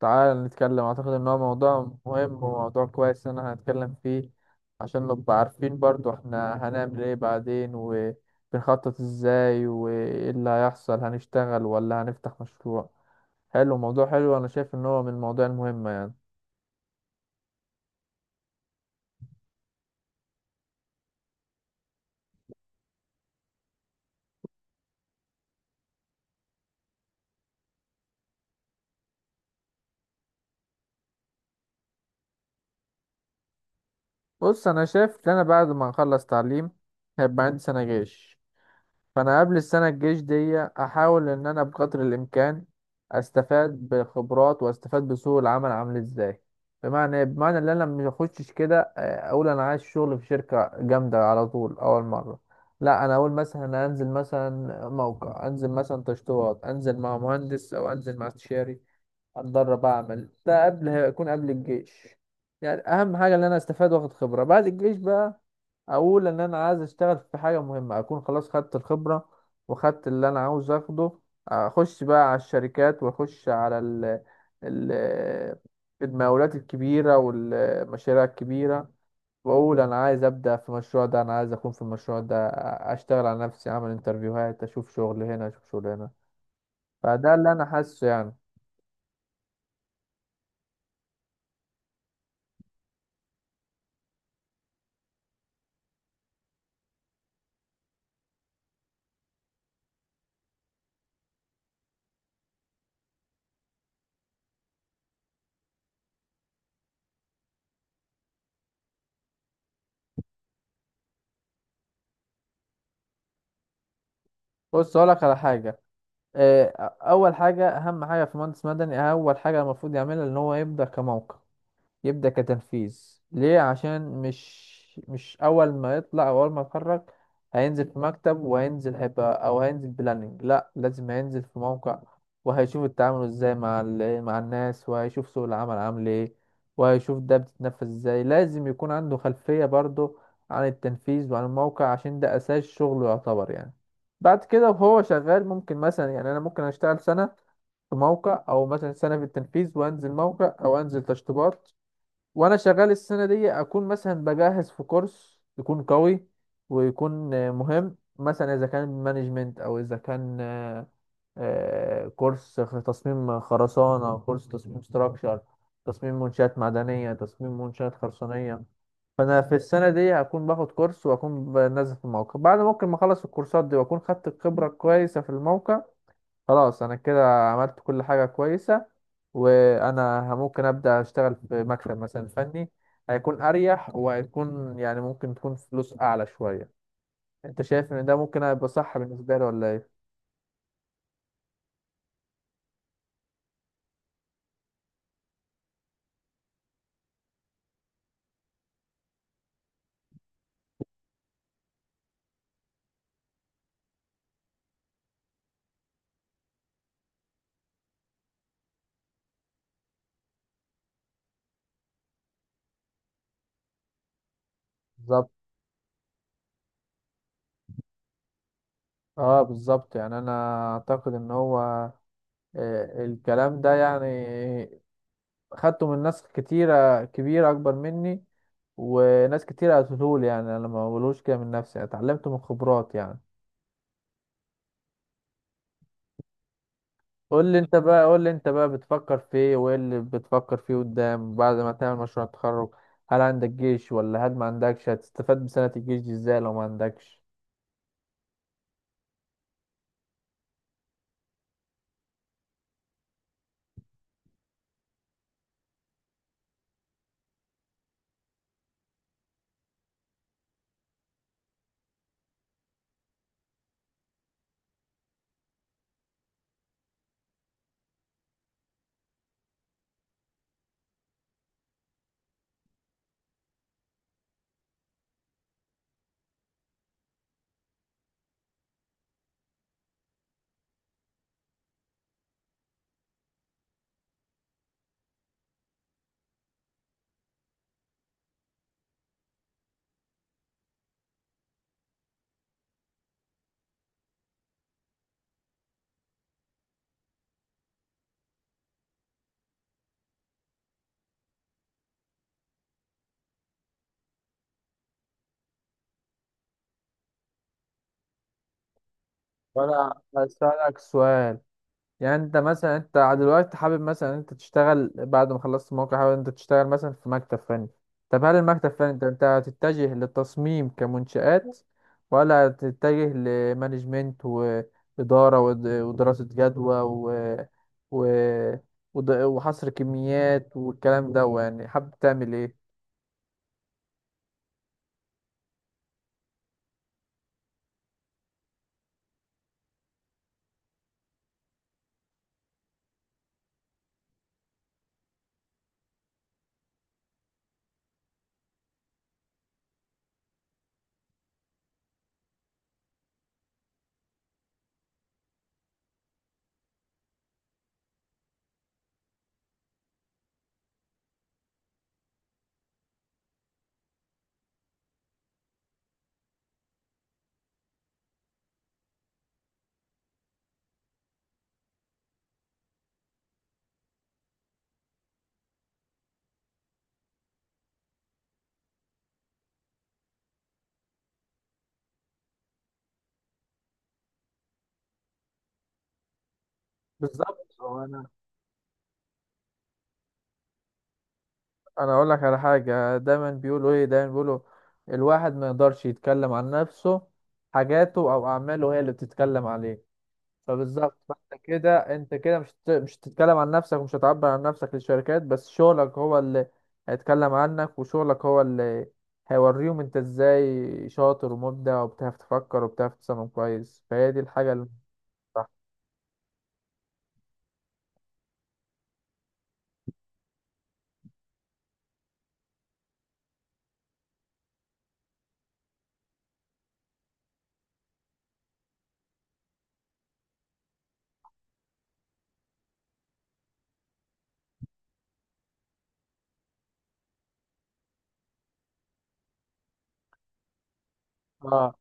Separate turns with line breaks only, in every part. تعال نتكلم. أعتقد إن هو موضوع مهم وموضوع كويس إن احنا هنتكلم فيه، عشان نبقى عارفين برضو احنا هنعمل ايه بعدين وبنخطط ازاي وايه اللي هيحصل، هنشتغل ولا هنفتح مشروع. حلو، موضوع حلو. أنا شايف إن هو من المواضيع المهمة يعني. بص، أنا شايف إن أنا بعد ما أخلص تعليم هيبقى عندي سنة جيش، فانا قبل السنه الجيش دي احاول ان انا بقدر الامكان استفاد بخبرات واستفاد بسوق العمل عامل ازاي. بمعنى إيه؟ بمعنى ان انا ما اخشش كده اقول انا عايز شغل في شركه جامده على طول اول مره. لا، انا اقول مثلا أنا انزل مثلا موقع، انزل مثلا تشطيبات، انزل مع مهندس او انزل مع استشاري، اتدرب، اعمل ده قبل، هيكون قبل الجيش. يعني اهم حاجه ان انا استفاد واخد خبره. بعد الجيش بقى اقول ان انا عايز اشتغل في حاجه مهمه، اكون خلاص خدت الخبره وخدت اللي انا عاوز اخده. اخش بقى على الشركات واخش على ال المقاولات الكبيره والمشاريع الكبيره، واقول انا عايز ابدا في المشروع ده، انا عايز اكون في المشروع ده، اشتغل على نفسي، اعمل انترفيوهات، اشوف شغل هنا اشوف شغل هنا. فده اللي انا حاسه يعني. بص اقول لك على حاجه. اول حاجه، اهم حاجه في مهندس مدني، اول حاجه المفروض يعملها ان هو يبدا كموقع، يبدأ كتنفيذ. ليه؟ عشان مش أول ما يطلع أو أول ما يتخرج هينزل في مكتب، وهينزل هيبقى أو هينزل بلاننج، لأ، لازم هينزل في موقع، وهيشوف التعامل ازاي مع مع الناس، وهيشوف سوق العمل عامل ايه، وهيشوف ده بتتنفذ ازاي. لازم يكون عنده خلفية برضه عن التنفيذ وعن الموقع، عشان ده أساس شغله يعتبر يعني. بعد كده وهو شغال ممكن مثلا، يعني أنا ممكن أشتغل سنة في موقع، او مثلا سنه في التنفيذ، وانزل موقع او انزل تشطيبات. وانا شغال السنه دي اكون مثلا بجهز في كورس يكون قوي ويكون مهم، مثلا اذا كان مانجمنت او اذا كان كورس في تصميم خرسانه، كورس تصميم ستراكشر، تصميم منشات معدنيه، تصميم منشات خرسانيه. فانا في السنه دي هكون باخد كورس واكون بنزل في الموقع. بعد ممكن ما اخلص الكورسات دي واكون خدت الخبره كويسه في الموقع، خلاص انا كده عملت كل حاجة كويسة، وانا ممكن ابدا اشتغل في مكتب مثلا فني، هيكون اريح وهيكون يعني ممكن تكون فلوس اعلى شوية. انت شايف ان ده ممكن هيبقى صح بالنسبة لي ولا ايه؟ بالظبط، اه بالظبط. يعني انا اعتقد ان هو الكلام ده يعني خدته من ناس كتيرة كبيرة اكبر مني، وناس كتيرة قالتهولي، يعني انا ما بقولوش كده من نفسي، اتعلمته من خبرات يعني. قول لي انت بقى، قول لي انت بقى بتفكر في ايه وايه اللي بتفكر فيه قدام بعد ما تعمل مشروع التخرج. هل عندك جيش ولا هل ما عندكش؟ هتستفاد بسنة الجيش دي ازاي لو ما عندكش؟ وانا هسألك سؤال، يعني انت مثلا انت دلوقتي حابب مثلا انت تشتغل بعد ما خلصت الموقع، حابب انت تشتغل مثلا في مكتب فني؟ طب هل المكتب فني انت هتتجه للتصميم كمنشآت، ولا هتتجه لمانجمنت وإدارة ودراسة جدوى و... وحصر كميات والكلام ده، يعني حابب تعمل ايه؟ بالظبط. هو انا انا اقول لك على حاجه. دايما بيقولوا ايه؟ دايما بيقولوا الواحد ما يقدرش يتكلم عن نفسه، حاجاته او اعماله هي اللي بتتكلم عليه. فبالظبط، فانت كده، انت كده مش هتتكلم عن نفسك ومش هتعبر عن نفسك للشركات، بس شغلك هو اللي هيتكلم عنك، وشغلك هو اللي هيوريهم انت ازاي شاطر ومبدع وبتعرف تفكر وبتعرف تصمم كويس. فهي دي الحاجه اللي صح.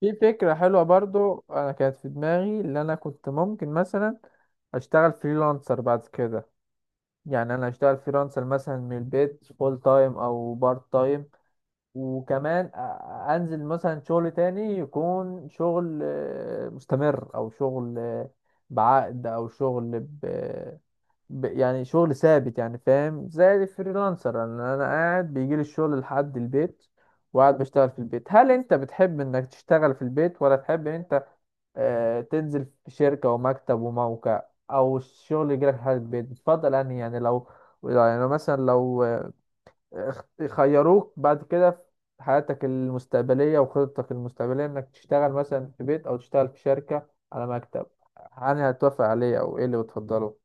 في فكرة حلوة برضو أنا كانت في دماغي، اللي أنا كنت ممكن مثلا أشتغل فريلانسر بعد كده. يعني أنا أشتغل فريلانسر مثلا من البيت، فول تايم أو بارت تايم، وكمان أنزل مثلا شغل تاني يكون شغل مستمر، أو شغل بعقد، أو شغل يعني شغل ثابت يعني، فاهم؟ زي الفريلانسر أن أنا قاعد بيجيلي الشغل لحد البيت وقاعد بشتغل في البيت. هل انت بتحب انك تشتغل في البيت، ولا تحب ان انت تنزل في شركة ومكتب وموقع، أو الشغل يجيلك لحد البيت؟ بتفضل أنهي؟ يعني لو، يعني لو مثلا، لو خيروك بعد كده في حياتك المستقبلية وخططك المستقبلية إنك تشتغل مثلا في بيت أو تشتغل في شركة على مكتب، أنهي هتوافق عليه أو إيه اللي بتفضله؟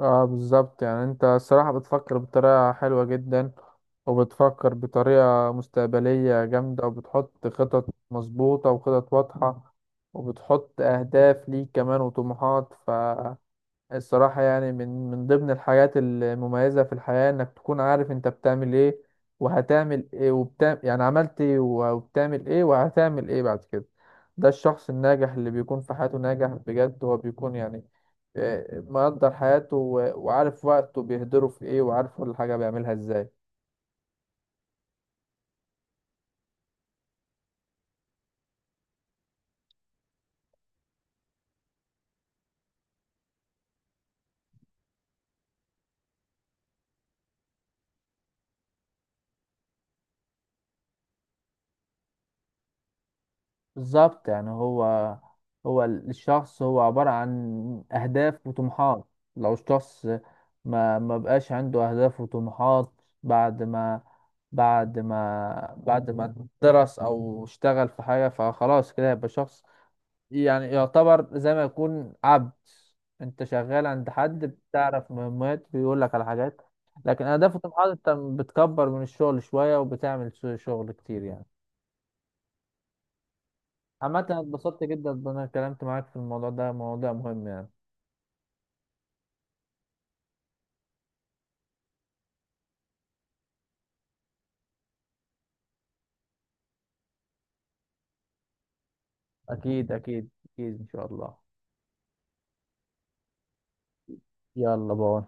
اه بالظبط، يعني انت الصراحة بتفكر بطريقة حلوة جدا، وبتفكر بطريقة مستقبلية جامدة، وبتحط خطط مظبوطة وخطط واضحة، وبتحط أهداف ليك كمان وطموحات. الصراحة يعني من ضمن الحاجات المميزة في الحياة إنك تكون عارف أنت بتعمل إيه وهتعمل إيه، وبتعمل يعني عملت إيه وبتعمل إيه وهتعمل إيه بعد كده. ده الشخص الناجح اللي بيكون في حياته ناجح بجد، هو بيكون يعني مقدر حياته وعارف وقته بيهدره في إيه، وعارف كل حاجة بيعملها إزاي. بالظبط يعني. هو الشخص هو عبارة عن أهداف وطموحات. لو الشخص ما بقاش عنده أهداف وطموحات بعد ما، بعد ما درس أو اشتغل في حاجة فخلاص كده، يبقى شخص يعني يعتبر زي ما يكون عبد، أنت شغال عند حد بتعرف مهمات بيقول لك على حاجات. لكن أهداف وطموحات أنت بتكبر من الشغل شوية، وبتعمل شغل كتير يعني. عامة أنا اتبسطت جدا إن أنا اتكلمت معاك في الموضوع ده، موضوع مهم يعني. أكيد أكيد أكيد إن شاء الله. يلا باي.